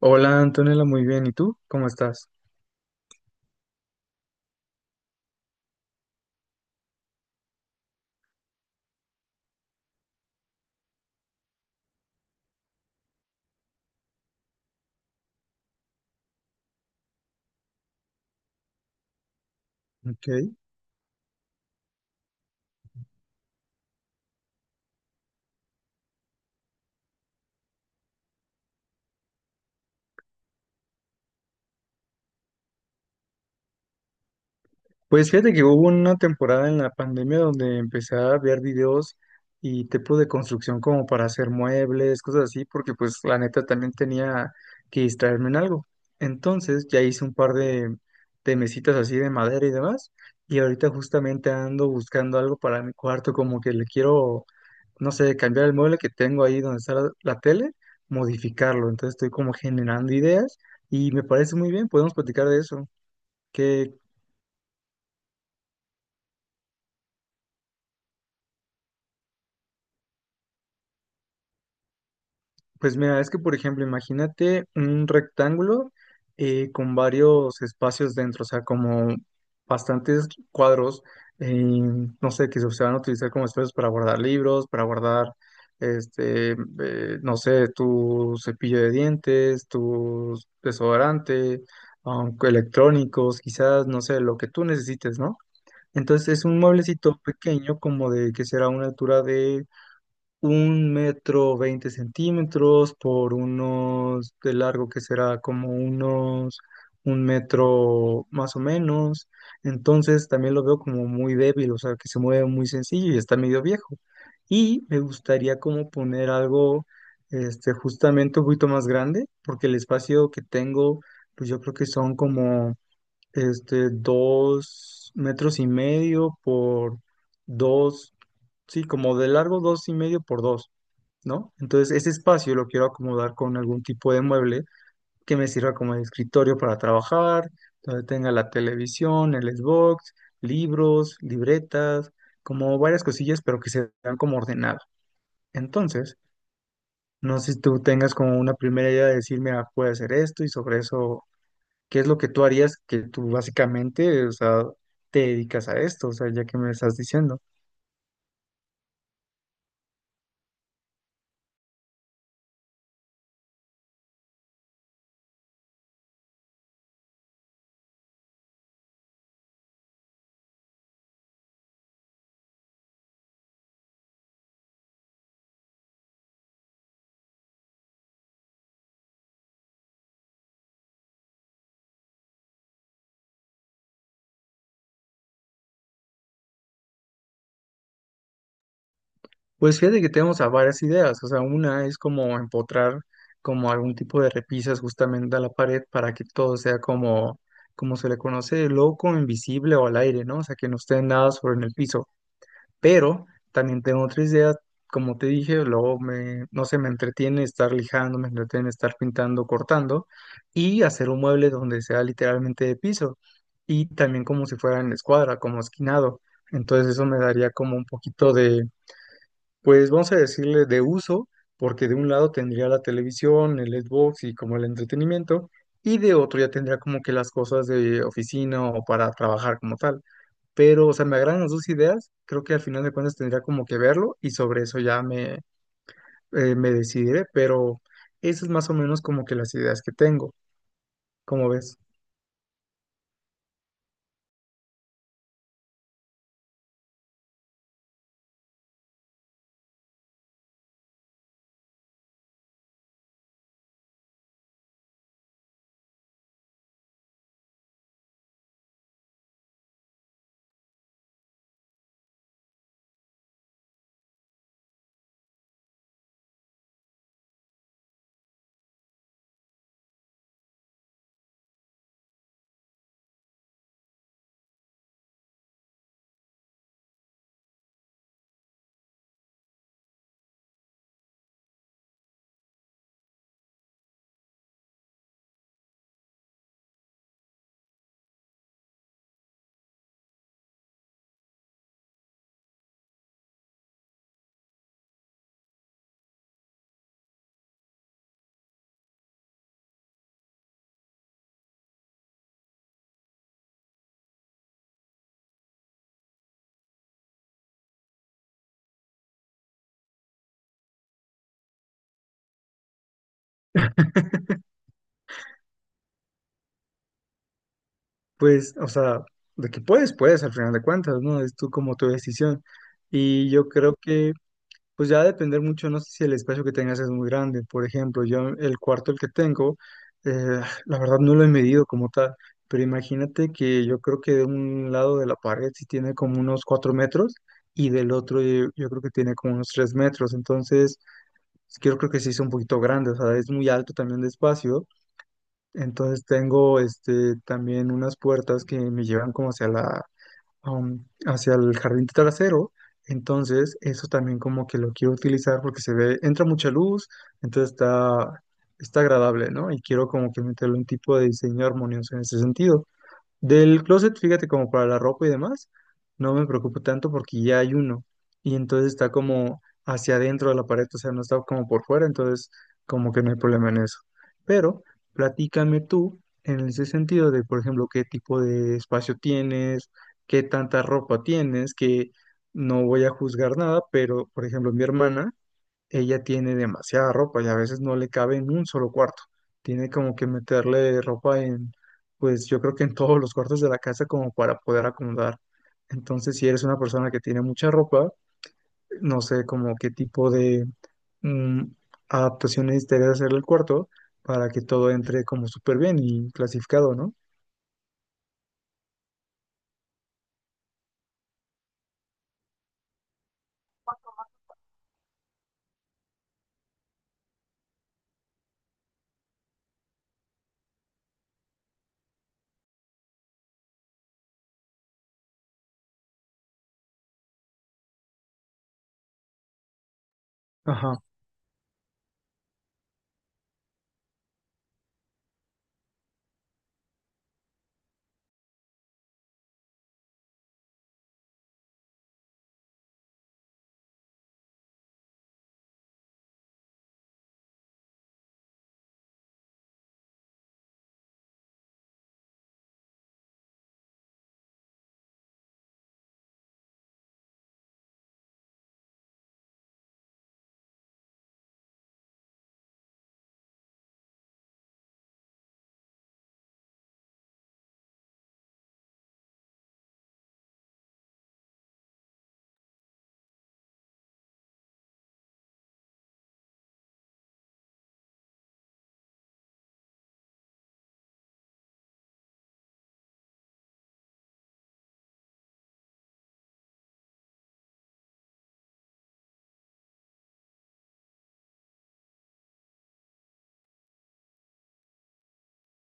Hola Antonella, muy bien. ¿Y tú? ¿Cómo estás? Ok. Pues fíjate que hubo una temporada en la pandemia donde empecé a ver videos y tipo de construcción como para hacer muebles, cosas así, porque pues la neta también tenía que distraerme en algo. Entonces ya hice un par de mesitas así de madera y demás. Y ahorita justamente ando buscando algo para mi cuarto, como que le quiero no sé, cambiar el mueble que tengo ahí donde está la tele, modificarlo. Entonces estoy como generando ideas y me parece muy bien, podemos platicar de eso. ¿Qué, pues mira, es que por ejemplo, imagínate un rectángulo con varios espacios dentro, o sea, como bastantes cuadros, eh, no sé, que se van a utilizar como espacios para guardar libros, para guardar, no sé, tu cepillo de dientes, tu desodorante, electrónicos, quizás, no sé, lo que tú necesites, ¿no? Entonces es un mueblecito pequeño, como de que será una altura de 1 metro 20 centímetros por unos de largo que será como unos 1 metro más o menos. Entonces también lo veo como muy débil, o sea, que se mueve muy sencillo y está medio viejo. Y me gustaría como poner algo justamente un poquito más grande, porque el espacio que tengo, pues yo creo que son como 2,5 metros por dos, sí, como de largo 2,5 por dos. ¿No? Entonces, ese espacio lo quiero acomodar con algún tipo de mueble que me sirva como de escritorio para trabajar, donde tenga la televisión, el Xbox, libros, libretas, como varias cosillas, pero que se vean como ordenado. Entonces, no sé si tú tengas como una primera idea de decirme, ah, puede hacer esto y sobre eso, ¿qué es lo que tú harías que tú básicamente, o sea, te dedicas a esto, o sea, ya que me estás diciendo? Pues fíjate que tenemos a varias ideas, o sea, una es como empotrar como algún tipo de repisas justamente a la pared para que todo sea como, como se le conoce, loco, invisible o al aire, ¿no? O sea, que no esté nada sobre en el piso. Pero también tengo otra idea, como te dije, luego me, no sé, me entretiene estar lijando, me entretiene estar pintando, cortando y hacer un mueble donde sea literalmente de piso y también como si fuera en escuadra, como esquinado. Entonces eso me daría como un poquito pues vamos a decirle de uso, porque de un lado tendría la televisión, el Xbox y como el entretenimiento, y de otro ya tendría como que las cosas de oficina o para trabajar como tal. Pero, o sea, me agradan las dos ideas, creo que al final de cuentas tendría como que verlo y sobre eso ya me, me decidiré, pero esas es más o menos como que las ideas que tengo, como ves? Pues, o sea, de que puedes, puedes al final de cuentas, ¿no? Es tú como tu decisión. Y yo creo que... Pues ya va a depender mucho, no sé si el espacio que tengas es muy grande. Por ejemplo, yo el cuarto el que tengo, la verdad no lo he medido como tal, pero imagínate que yo creo que de un lado de la pared sí tiene como unos 4 metros y del otro yo creo que tiene como unos 3 metros. Entonces, yo creo que sí es un poquito grande, o sea, es muy alto también de espacio. Entonces tengo también unas puertas que me llevan como hacia hacia el jardín trasero. Entonces, eso también como que lo quiero utilizar porque se ve, entra mucha luz, entonces está, está agradable, ¿no? Y quiero como que meterle un tipo de diseño armonioso en ese sentido. Del closet, fíjate, como para la ropa y demás, no me preocupo tanto porque ya hay uno. Y entonces está como hacia adentro de la pared, o sea, no está como por fuera, entonces como que no hay problema en eso. Pero platícame tú en ese sentido de, por ejemplo, qué tipo de espacio tienes, qué tanta ropa tienes, que no voy a juzgar nada, pero, por ejemplo, mi hermana ella tiene demasiada ropa y a veces no le cabe en un solo cuarto. Tiene como que meterle ropa en, pues yo creo que en todos los cuartos de la casa como para poder acomodar. Entonces, si eres una persona que tiene mucha ropa, no sé como qué tipo de mm, adaptaciones te debe hacer el cuarto para que todo entre como súper bien y clasificado, ¿no? Ajá.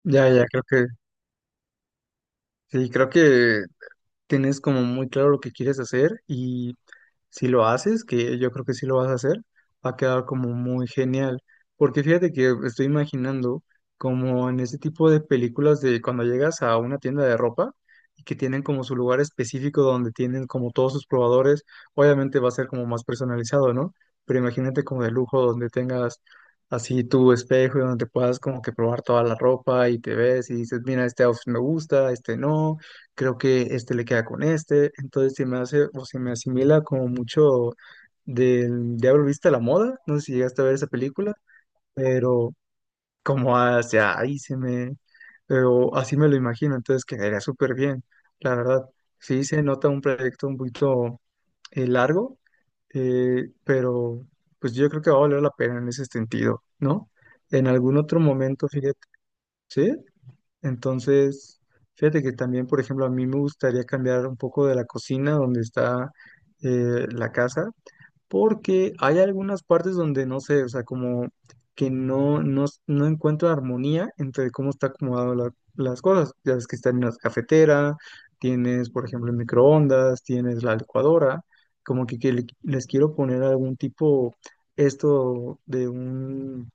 Ya, ya, creo que, sí, creo que tienes como muy claro lo que quieres hacer y si lo haces, que yo creo que sí lo vas a hacer, va a quedar como muy genial. Porque fíjate que estoy imaginando como en ese tipo de películas de cuando llegas a una tienda de ropa y que tienen como su lugar específico donde tienen como todos sus probadores, obviamente va a ser como más personalizado, ¿no? Pero imagínate como de lujo donde tengas así tu espejo y donde puedas como que probar toda la ropa y te ves y dices, mira, este outfit me gusta, este no creo que este le queda con este, entonces se me hace o se me asimila como mucho del Diablo Viste a la Moda, no sé si llegaste a ver esa película, pero como hacia ahí se me, pero así me lo imagino, entonces quedaría súper bien, la verdad, sí se nota un proyecto un poquito largo, pero pues yo creo que va a valer la pena en ese sentido, ¿no? En algún otro momento, fíjate, ¿sí? Entonces, fíjate que también, por ejemplo, a mí me gustaría cambiar un poco de la cocina donde está la casa, porque hay algunas partes donde no sé, o sea, como que no encuentro armonía entre cómo está acomodado las cosas. Ya ves que está en una cafetera, tienes, por ejemplo, el microondas, tienes la licuadora, como que les quiero poner algún tipo esto de un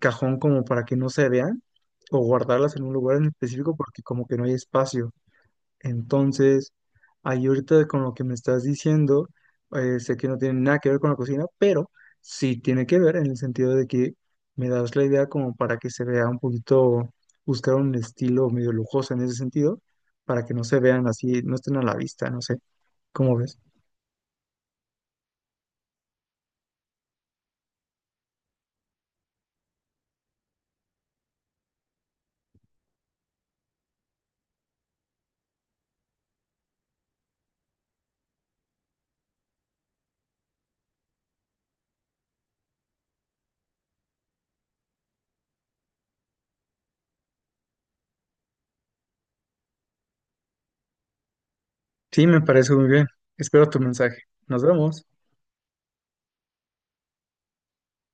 cajón como para que no se vean o guardarlas en un lugar en específico porque como que no hay espacio. Entonces, ahí ahorita con lo que me estás diciendo, sé que no tiene nada que ver con la cocina, pero sí tiene que ver en el sentido de que me das la idea como para que se vea un poquito, buscar un estilo medio lujoso en ese sentido, para que no se vean así, no estén a la vista, no sé, ¿cómo ves? Sí, me parece muy bien. Espero tu mensaje. Nos vemos.